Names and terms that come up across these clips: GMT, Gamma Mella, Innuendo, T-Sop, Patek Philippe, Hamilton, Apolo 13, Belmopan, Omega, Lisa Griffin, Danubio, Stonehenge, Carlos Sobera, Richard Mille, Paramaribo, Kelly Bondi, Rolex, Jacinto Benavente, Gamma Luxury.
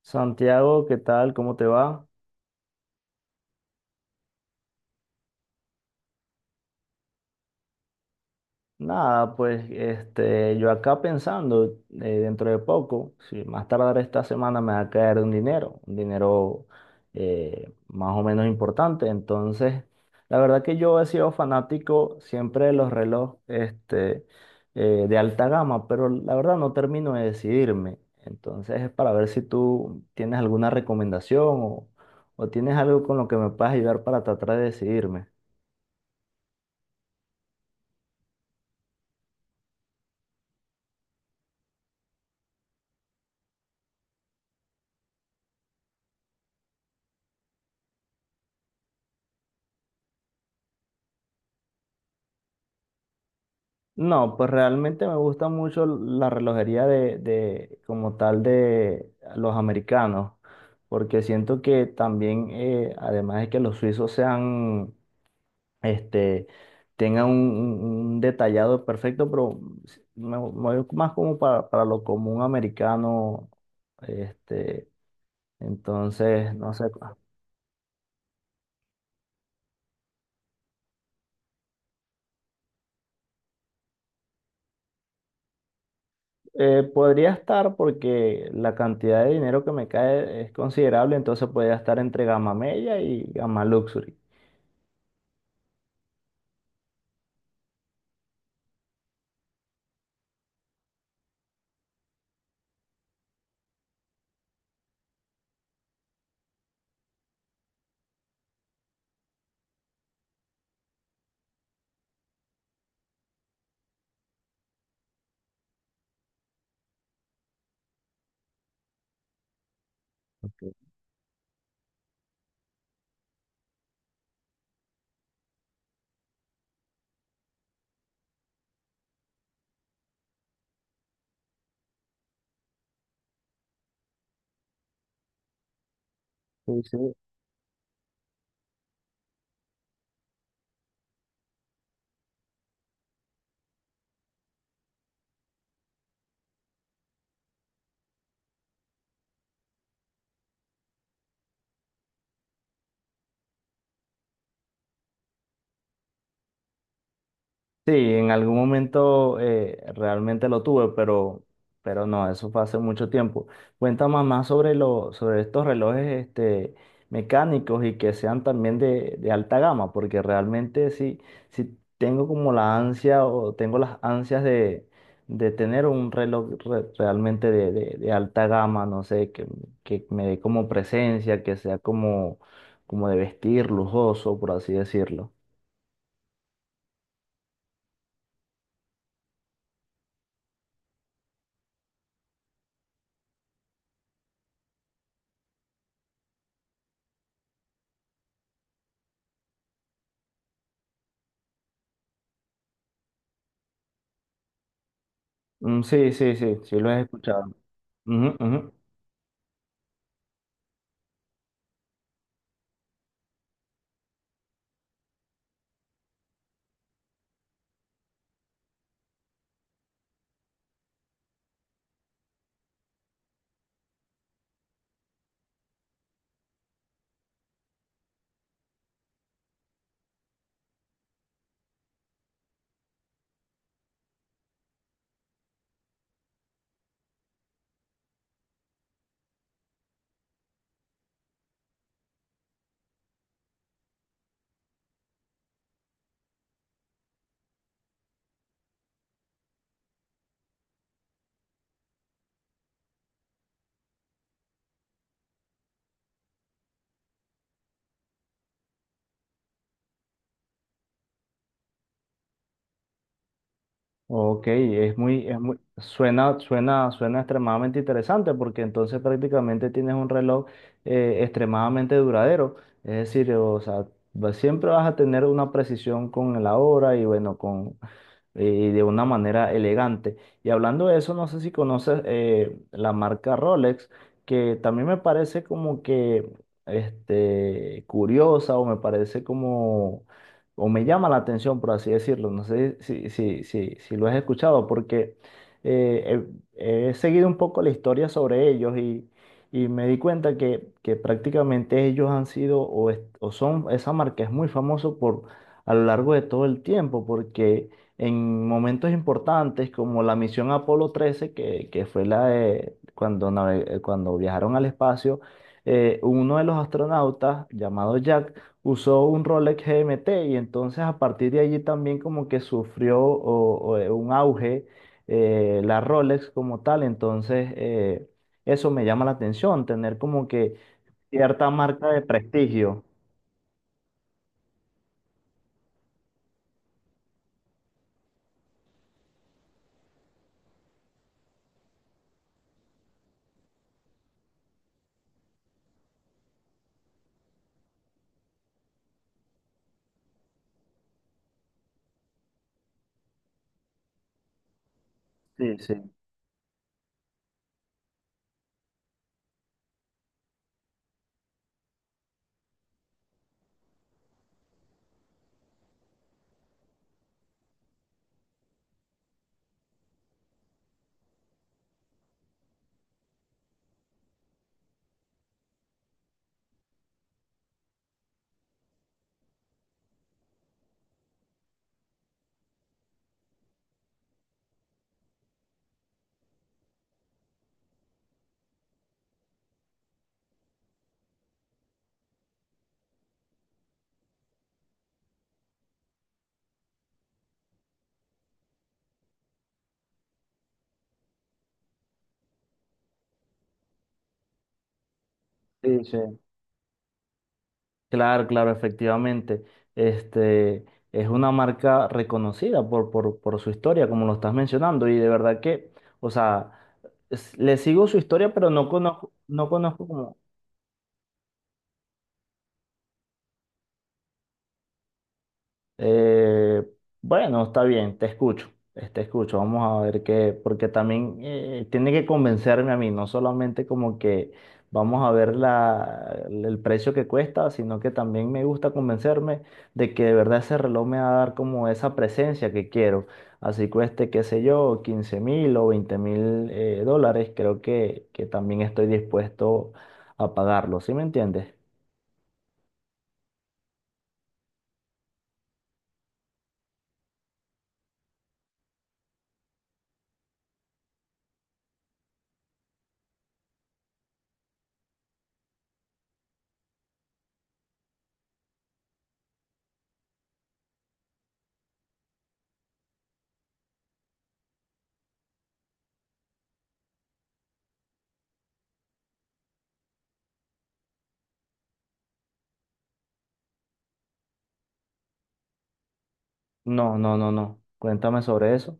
Santiago, ¿qué tal? ¿Cómo te va? Nada, pues este, yo acá pensando, dentro de poco, si más tardar esta semana me va a caer un dinero, un dinero más o menos importante. Entonces, la verdad que yo he sido fanático siempre de los relojes este, de alta gama, pero la verdad no termino de decidirme. Entonces, es para ver si tú tienes alguna recomendación o tienes algo con lo que me puedas ayudar para tratar de decidirme. No, pues realmente me gusta mucho la relojería de como tal de los americanos, porque siento que también, además de que los suizos sean, este, tengan un- un detallado perfecto, pero me voy más como para lo común americano, este, entonces, no sé. Podría estar porque la cantidad de dinero que me cae es considerable, entonces podría estar entre Gamma Mella y Gamma Luxury. Sí, sí. Sí, en algún momento realmente lo tuve, pero no, eso fue hace mucho tiempo. Cuéntame más sobre lo, sobre estos relojes este, mecánicos y que sean también de alta gama, porque realmente sí, sí tengo como la ansia o tengo las ansias de tener un reloj realmente de alta gama, no sé, que me dé como presencia, que sea como, como de vestir, lujoso, por así decirlo. Mm, sí, sí, sí, sí lo he escuchado. Ujú, ujú. Ok, es muy, suena extremadamente interesante porque entonces prácticamente tienes un reloj extremadamente duradero. Es decir, o sea, siempre vas a tener una precisión con la hora y bueno, con de una manera elegante. Y hablando de eso, no sé si conoces la marca Rolex, que también me parece como que este, curiosa o me parece como, o me llama la atención, por así decirlo. No sé si lo has escuchado, porque eh, he seguido un poco la historia sobre ellos y me di cuenta que prácticamente ellos han sido o son, esa marca es muy famosa por, a lo largo de todo el tiempo, porque en momentos importantes como la misión Apolo 13, que fue la de cuando viajaron al espacio, uno de los astronautas, llamado Jack, usó un Rolex GMT y entonces a partir de allí también como que sufrió un auge la Rolex como tal, entonces eso me llama la atención, tener como que cierta marca de prestigio. Sí, sí, sí, sí. Claro, claro, efectivamente. Este es una marca reconocida por su historia, como lo estás mencionando, y de verdad que, o sea, le sigo su historia, pero no conozco, no conozco como. Eh, bueno, está bien, te escucho, te escucho. Vamos a ver qué, porque también tiene que convencerme a mí, no solamente como que vamos a ver el precio que cuesta, sino que también me gusta convencerme de que de verdad ese reloj me va a dar como esa presencia que quiero. Así cueste, qué sé yo, 15.000 o 20.000 dólares, creo que también estoy dispuesto a pagarlo, ¿sí me entiendes? No, no, no, no. Cuéntame sobre eso.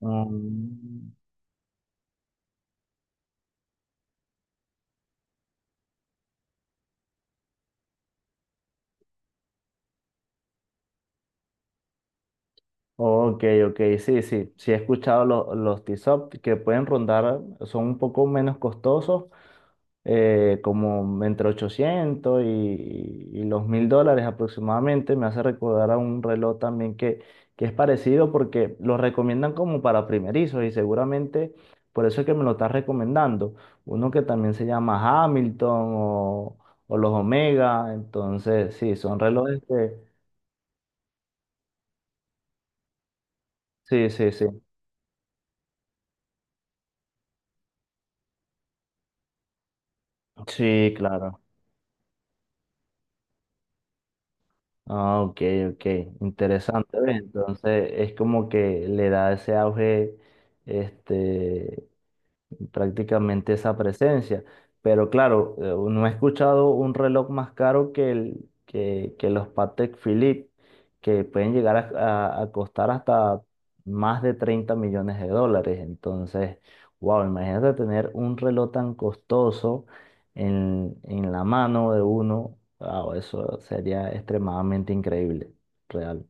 Mm. Ok, ok, sí, sí, sí he escuchado los T-Sop que pueden rondar, son un poco menos costosos, como entre 800 y los 1.000 dólares aproximadamente. Me hace recordar a un reloj también que es parecido porque los recomiendan como para primerizos y seguramente por eso es que me lo estás recomendando. Uno que también se llama Hamilton o, o los Omega, entonces sí, son relojes que... Sí, sí, sí. Sí, claro. Ah, ok, ok, interesante. Ve, entonces es como que le da ese auge este, prácticamente esa presencia. Pero claro, no he escuchado un reloj más caro que, que los Patek Philippe, que pueden llegar a costar hasta más de 30 millones de dólares. Entonces, wow, imagínate tener un reloj tan costoso en la mano de uno. Wow, eso sería extremadamente increíble, real.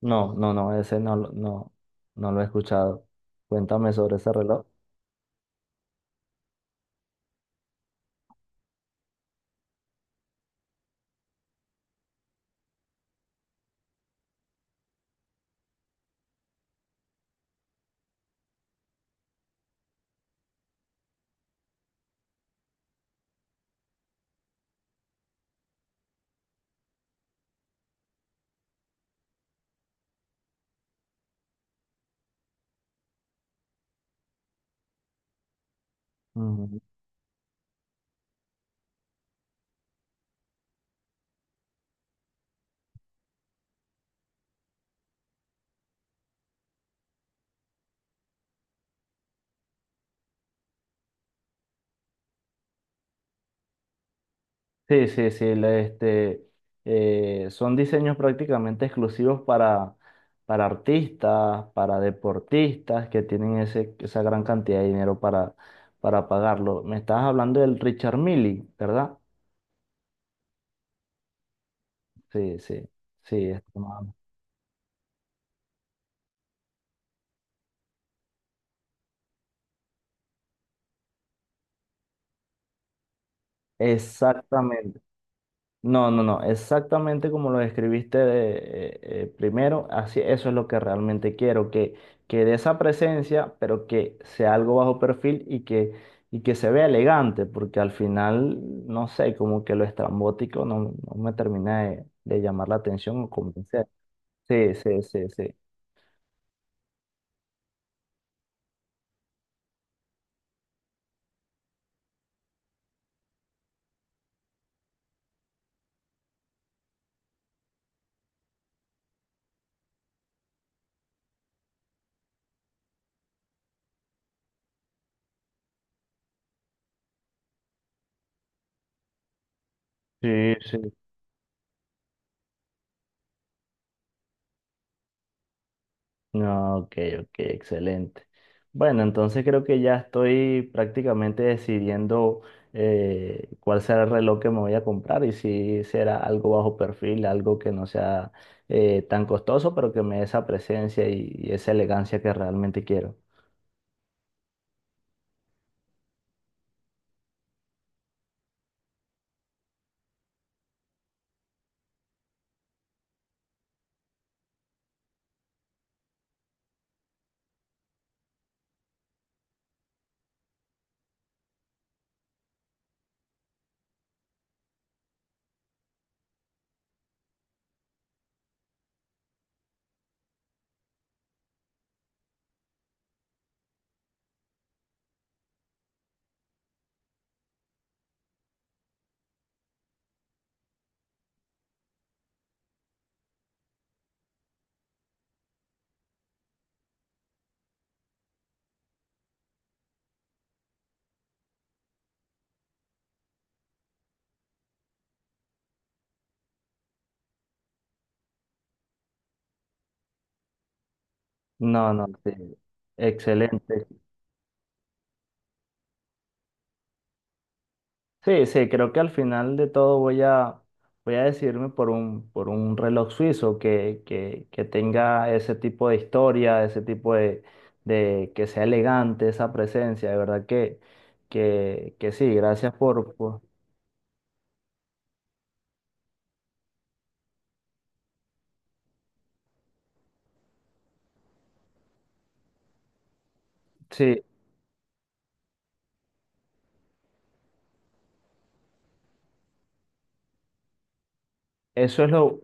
No, no, no, ese no, no, no lo he escuchado. Cuéntame sobre ese reloj. Sí, sí, sí, este, son diseños prácticamente exclusivos para artistas, para deportistas que tienen ese, esa gran cantidad de dinero para pagarlo. Me estabas hablando del Richard Mille, ¿verdad? Sí, sí, sí, este, más o menos. Exactamente. No, no, no, exactamente como lo describiste de, primero, así eso es lo que realmente quiero, que dé esa presencia, pero que sea algo bajo perfil y que se vea elegante, porque al final, no sé, como que lo estrambótico no, no me termina de llamar la atención o convencer. Sí, sí, sí, sí. Sí, sí. No, ok, ok, excelente. Bueno, entonces creo que ya estoy prácticamente decidiendo cuál será el reloj que me voy a comprar y si será algo bajo perfil, algo que no sea tan costoso, pero que me dé esa presencia y esa elegancia que realmente quiero. No, no, sí. Excelente. Sí, sí, creo que al final de todo voy a, voy a decidirme por un reloj suizo que tenga ese tipo de historia, ese tipo de que sea elegante esa presencia. De verdad que sí, gracias por... Sí, eso es lo.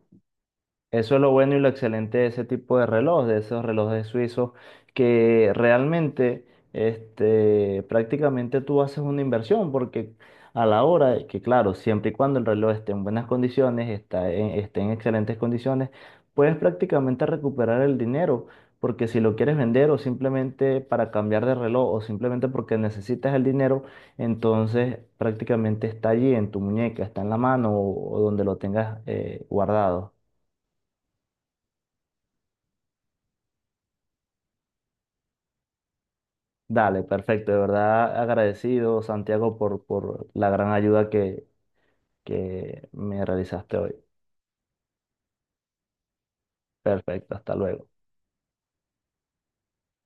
Eso es lo bueno y lo excelente de ese tipo de reloj, de esos relojes suizos, que realmente, este, prácticamente tú haces una inversión, porque a la hora, de que claro, siempre y cuando el reloj esté en buenas condiciones, esté en excelentes condiciones, puedes prácticamente recuperar el dinero, porque si lo quieres vender o simplemente para cambiar de reloj o simplemente porque necesitas el dinero, entonces prácticamente está allí en tu muñeca, está en la mano o donde lo tengas guardado. Dale, perfecto. De verdad agradecido, Santiago, por la gran ayuda que me realizaste hoy. Perfecto, hasta luego.